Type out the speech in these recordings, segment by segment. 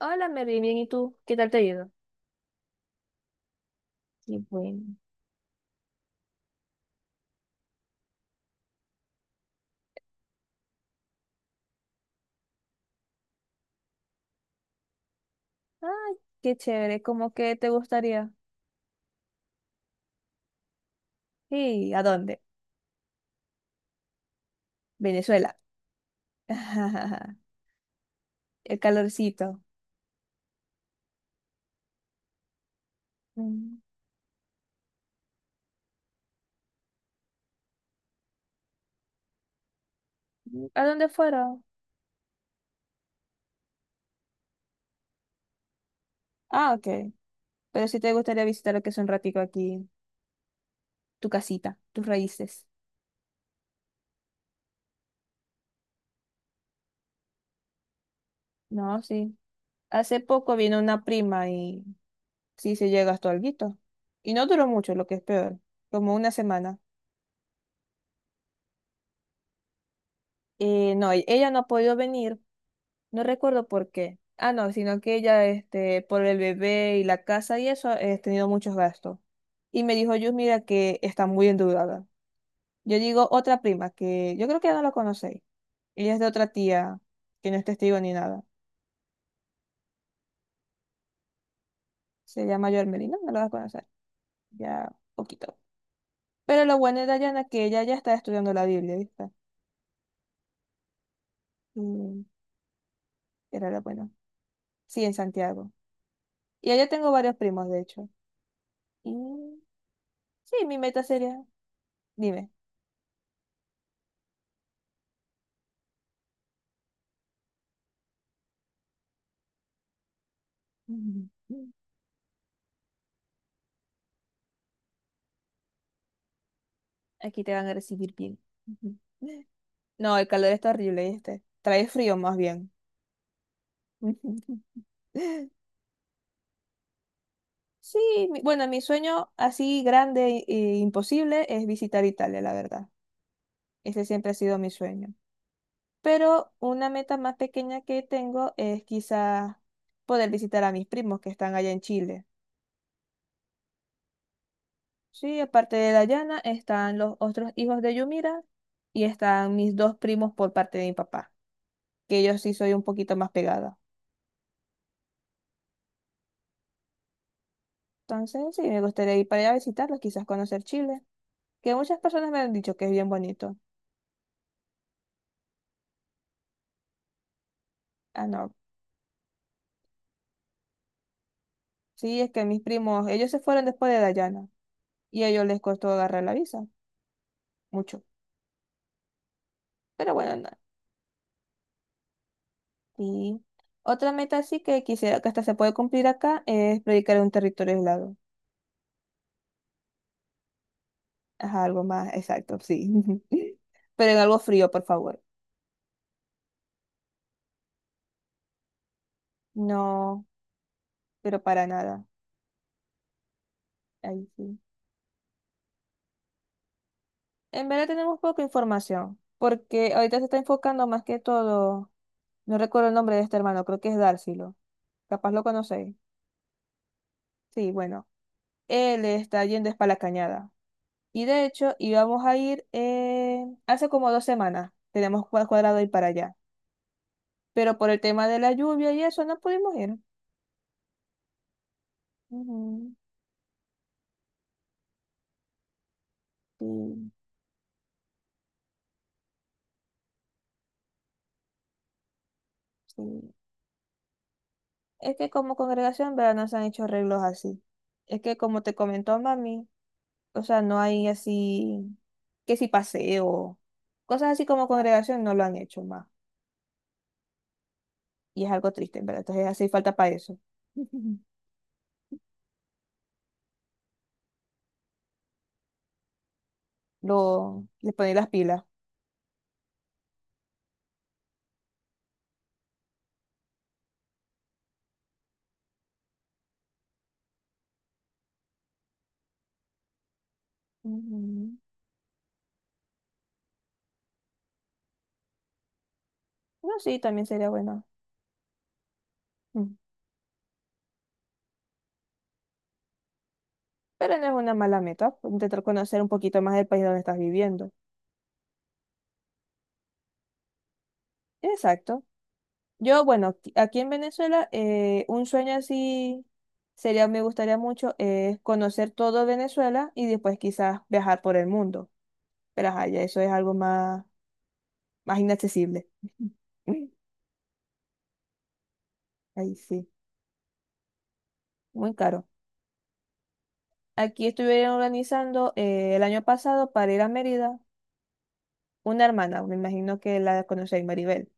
Hola, Mary, bien, ¿y tú? ¿Qué tal te ha ido? Y bueno, ay, qué chévere, ¿cómo que te gustaría? Sí, ¿a dónde? Venezuela. El calorcito. Mm. ¿A dónde fueron? Ah, ok. Pero sí te gustaría visitar lo que es un ratico aquí, tu casita, tus raíces. No, sí. Hace poco vino una prima y sí se llega hasta alguito. Y no duró mucho, lo que es peor, como una semana. No, ella no ha podido venir. No recuerdo por qué. Ah, no, sino que ella, por el bebé y la casa y eso, he tenido muchos gastos. Y me dijo, yo mira que está muy endeudada. Yo digo, otra prima, que yo creo que ya no la conocéis. Ella es de otra tía, que no es testigo ni nada. Se llama Melina, no. No la vas a conocer. Ya, poquito. Pero lo bueno de Dayana es que ella ya está estudiando la Biblia, ¿viste? Y era lo bueno. Sí, en Santiago. Y allá tengo varios primos, de hecho. Y sí, mi meta sería, dime. Aquí te van a recibir bien. Ujú. No, el calor está horrible. Trae frío más bien. Ujú. Sí, bueno, mi sueño así grande e imposible es visitar Italia, la verdad. Ese siempre ha sido mi sueño. Pero una meta más pequeña que tengo es quizás poder visitar a mis primos que están allá en Chile. Sí, aparte de Dayana están los otros hijos de Yumira y están mis dos primos por parte de mi papá, que ellos sí soy un poquito más pegada. Entonces, sí, me gustaría ir para allá a visitarlos, quizás conocer Chile, que muchas personas me han dicho que es bien bonito. Ah, no. Sí, es que mis primos, ellos se fueron después de Dayana y a ellos les costó agarrar la visa, mucho. Pero bueno, nada. Y otra meta sí que quisiera que hasta se puede cumplir acá es predicar en un territorio aislado. Ajá, algo más exacto, sí. Pero en algo frío, por favor. No, pero para nada. Ahí sí. En verdad tenemos poca información, porque ahorita se está enfocando más que todo. No recuerdo el nombre de este hermano, creo que es Dárcilo. Capaz lo conocéis. Sí, bueno. Él está yendo es para la cañada. Y de hecho, íbamos a ir hace como 2 semanas. Tenemos cuadrado ir para allá. Pero por el tema de la lluvia y eso, no pudimos ir. Ujú. Sí, sí. Es que como congregación, ¿verdad? No se han hecho arreglos así. Es que como te comentó mami, o sea, no hay así, que si paseo, cosas así como congregación no lo han hecho más. Y es algo triste, en verdad. Entonces hace falta para eso. Le ponen las pilas. Ujú. No, sí, también sería bueno. Mm. Pero no es una mala meta, pues, intentar conocer un poquito más del país donde estás viviendo. Exacto. Yo, bueno, aquí en Venezuela, un sueño así sería, me gustaría mucho, es conocer todo Venezuela y después quizás viajar por el mundo. Pero ajá, ya eso es algo más inaccesible. Ahí sí, muy caro. Aquí estuvieron organizando el año pasado para ir a Mérida una hermana, me imagino que la conocéis, Maribel.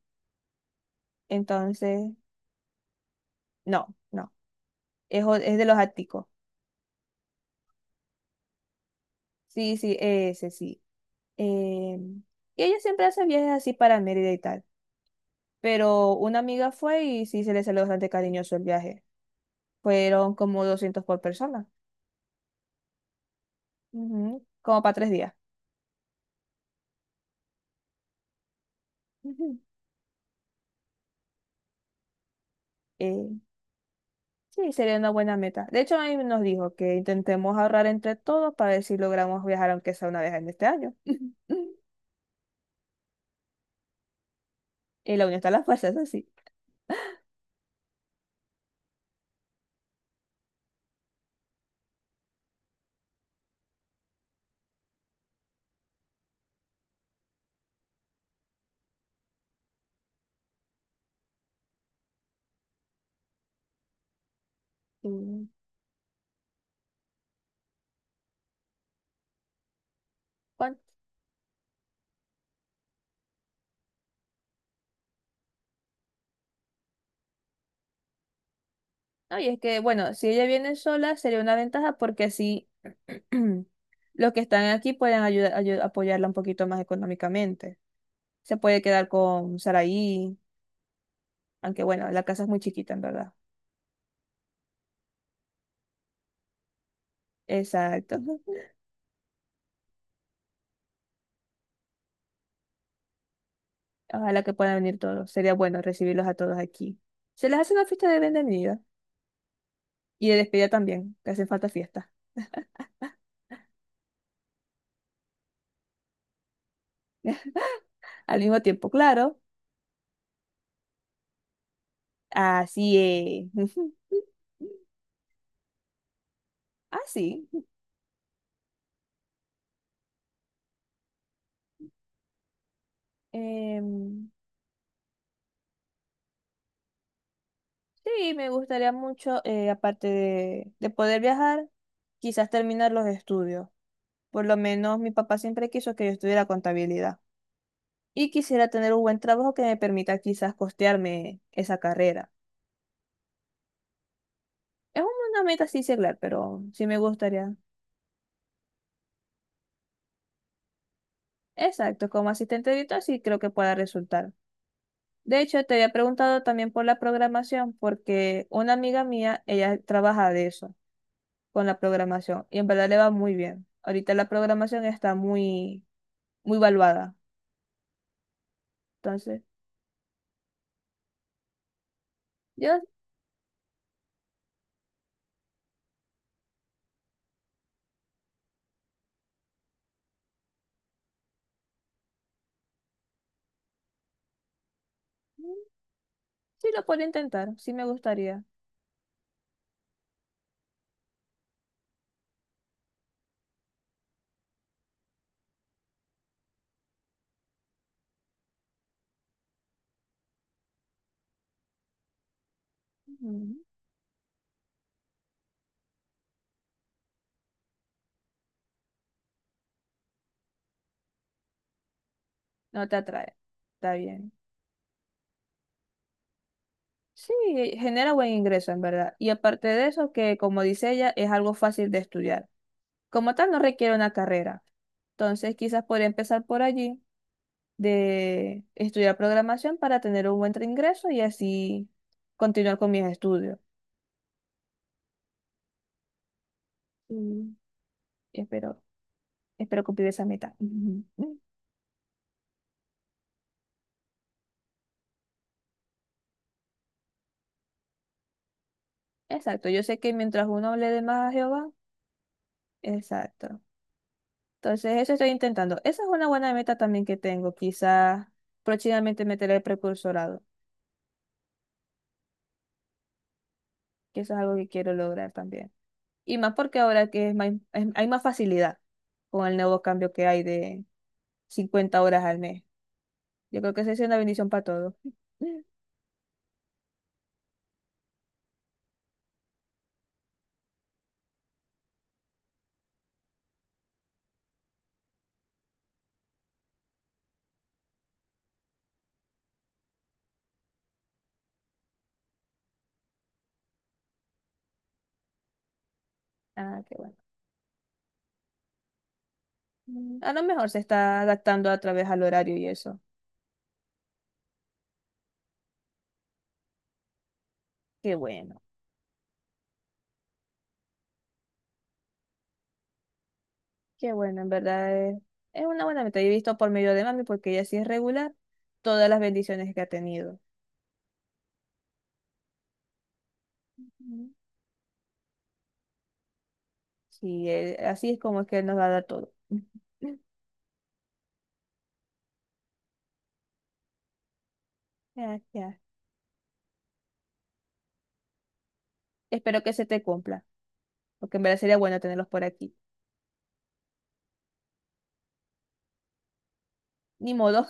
Entonces, no, no, es de los áticos. Sí, sí, ese sí. Eh, y ella siempre hace viajes así para Mérida y tal. Pero una amiga fue y sí se le salió bastante cariñoso el viaje. Fueron como 200 por persona, ujú, como para 3 días. Ujú. Eh, Sí, sería una buena meta. De hecho, ahí nos dijo que intentemos ahorrar entre todos para ver si logramos viajar, aunque sea una vez en este año. Y la unión está a las fuerzas, así sí. Mm, ¿cuán- No, y es que, bueno, si ella viene sola sería una ventaja porque así los que están aquí pueden ayudar, apoyarla un poquito más económicamente. Se puede quedar con Saraí, aunque bueno, la casa es muy chiquita, en verdad. Exacto. Ojalá que puedan venir todos. Sería bueno recibirlos a todos aquí. Se les hace una fiesta de bienvenida. Y de despedida también, que hace falta fiesta. Al mismo tiempo, claro. Así es. Así. Em, sí, me gustaría mucho, aparte de poder viajar, quizás terminar los estudios. Por lo menos mi papá siempre quiso que yo estudiara contabilidad. Y quisiera tener un buen trabajo que me permita quizás costearme esa carrera. Es una meta así seglar, pero sí me gustaría. Exacto, como asistente de editor sí creo que pueda resultar. De hecho, te había preguntado también por la programación, porque una amiga mía, ella trabaja de eso, con la programación, y en verdad le va muy bien. Ahorita la programación está muy, muy valuada. Entonces, yo mm, sí lo puedo intentar, sí me gustaría. Ujú. No te atrae, está bien. Sí, genera buen ingreso, en verdad. Y aparte de eso, que como dice ella, es algo fácil de estudiar. Como tal, no requiere una carrera. Entonces, quizás podría empezar por allí de estudiar programación para tener un buen ingreso y así continuar con mis estudios. Y espero, espero cumplir esa meta. Ujú. Exacto, yo sé que mientras uno le dé más a Jehová, exacto. Entonces, eso estoy intentando. Esa es una buena meta también que tengo. Quizás próximamente meter el precursorado, que eso es algo que quiero lograr también. Y más porque ahora que hay más facilidad con el nuevo cambio que hay de 50 horas al mes. Yo creo que esa es una bendición para todos. Ah, qué bueno. Mm, a lo mejor se está adaptando a través al horario y eso. Qué bueno, qué bueno, en verdad es una buena meta. Y he visto por medio de mami, porque ella sí es regular, todas las bendiciones que ha tenido. Mm. Sí, así es como es que él nos va a dar todo. Ya, ya. Espero que se te cumpla, porque en verdad sería bueno tenerlos por aquí. Ni modo,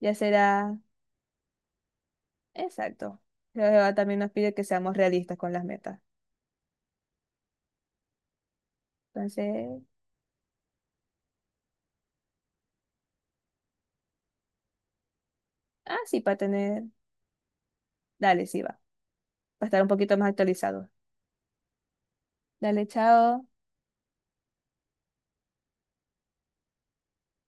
ya será. Exacto. Pero Jehová también nos pide que seamos realistas con las metas. Entonces, ah, sí, para tener. Dale, sí va. Para estar un poquito más actualizados. Dale, chao.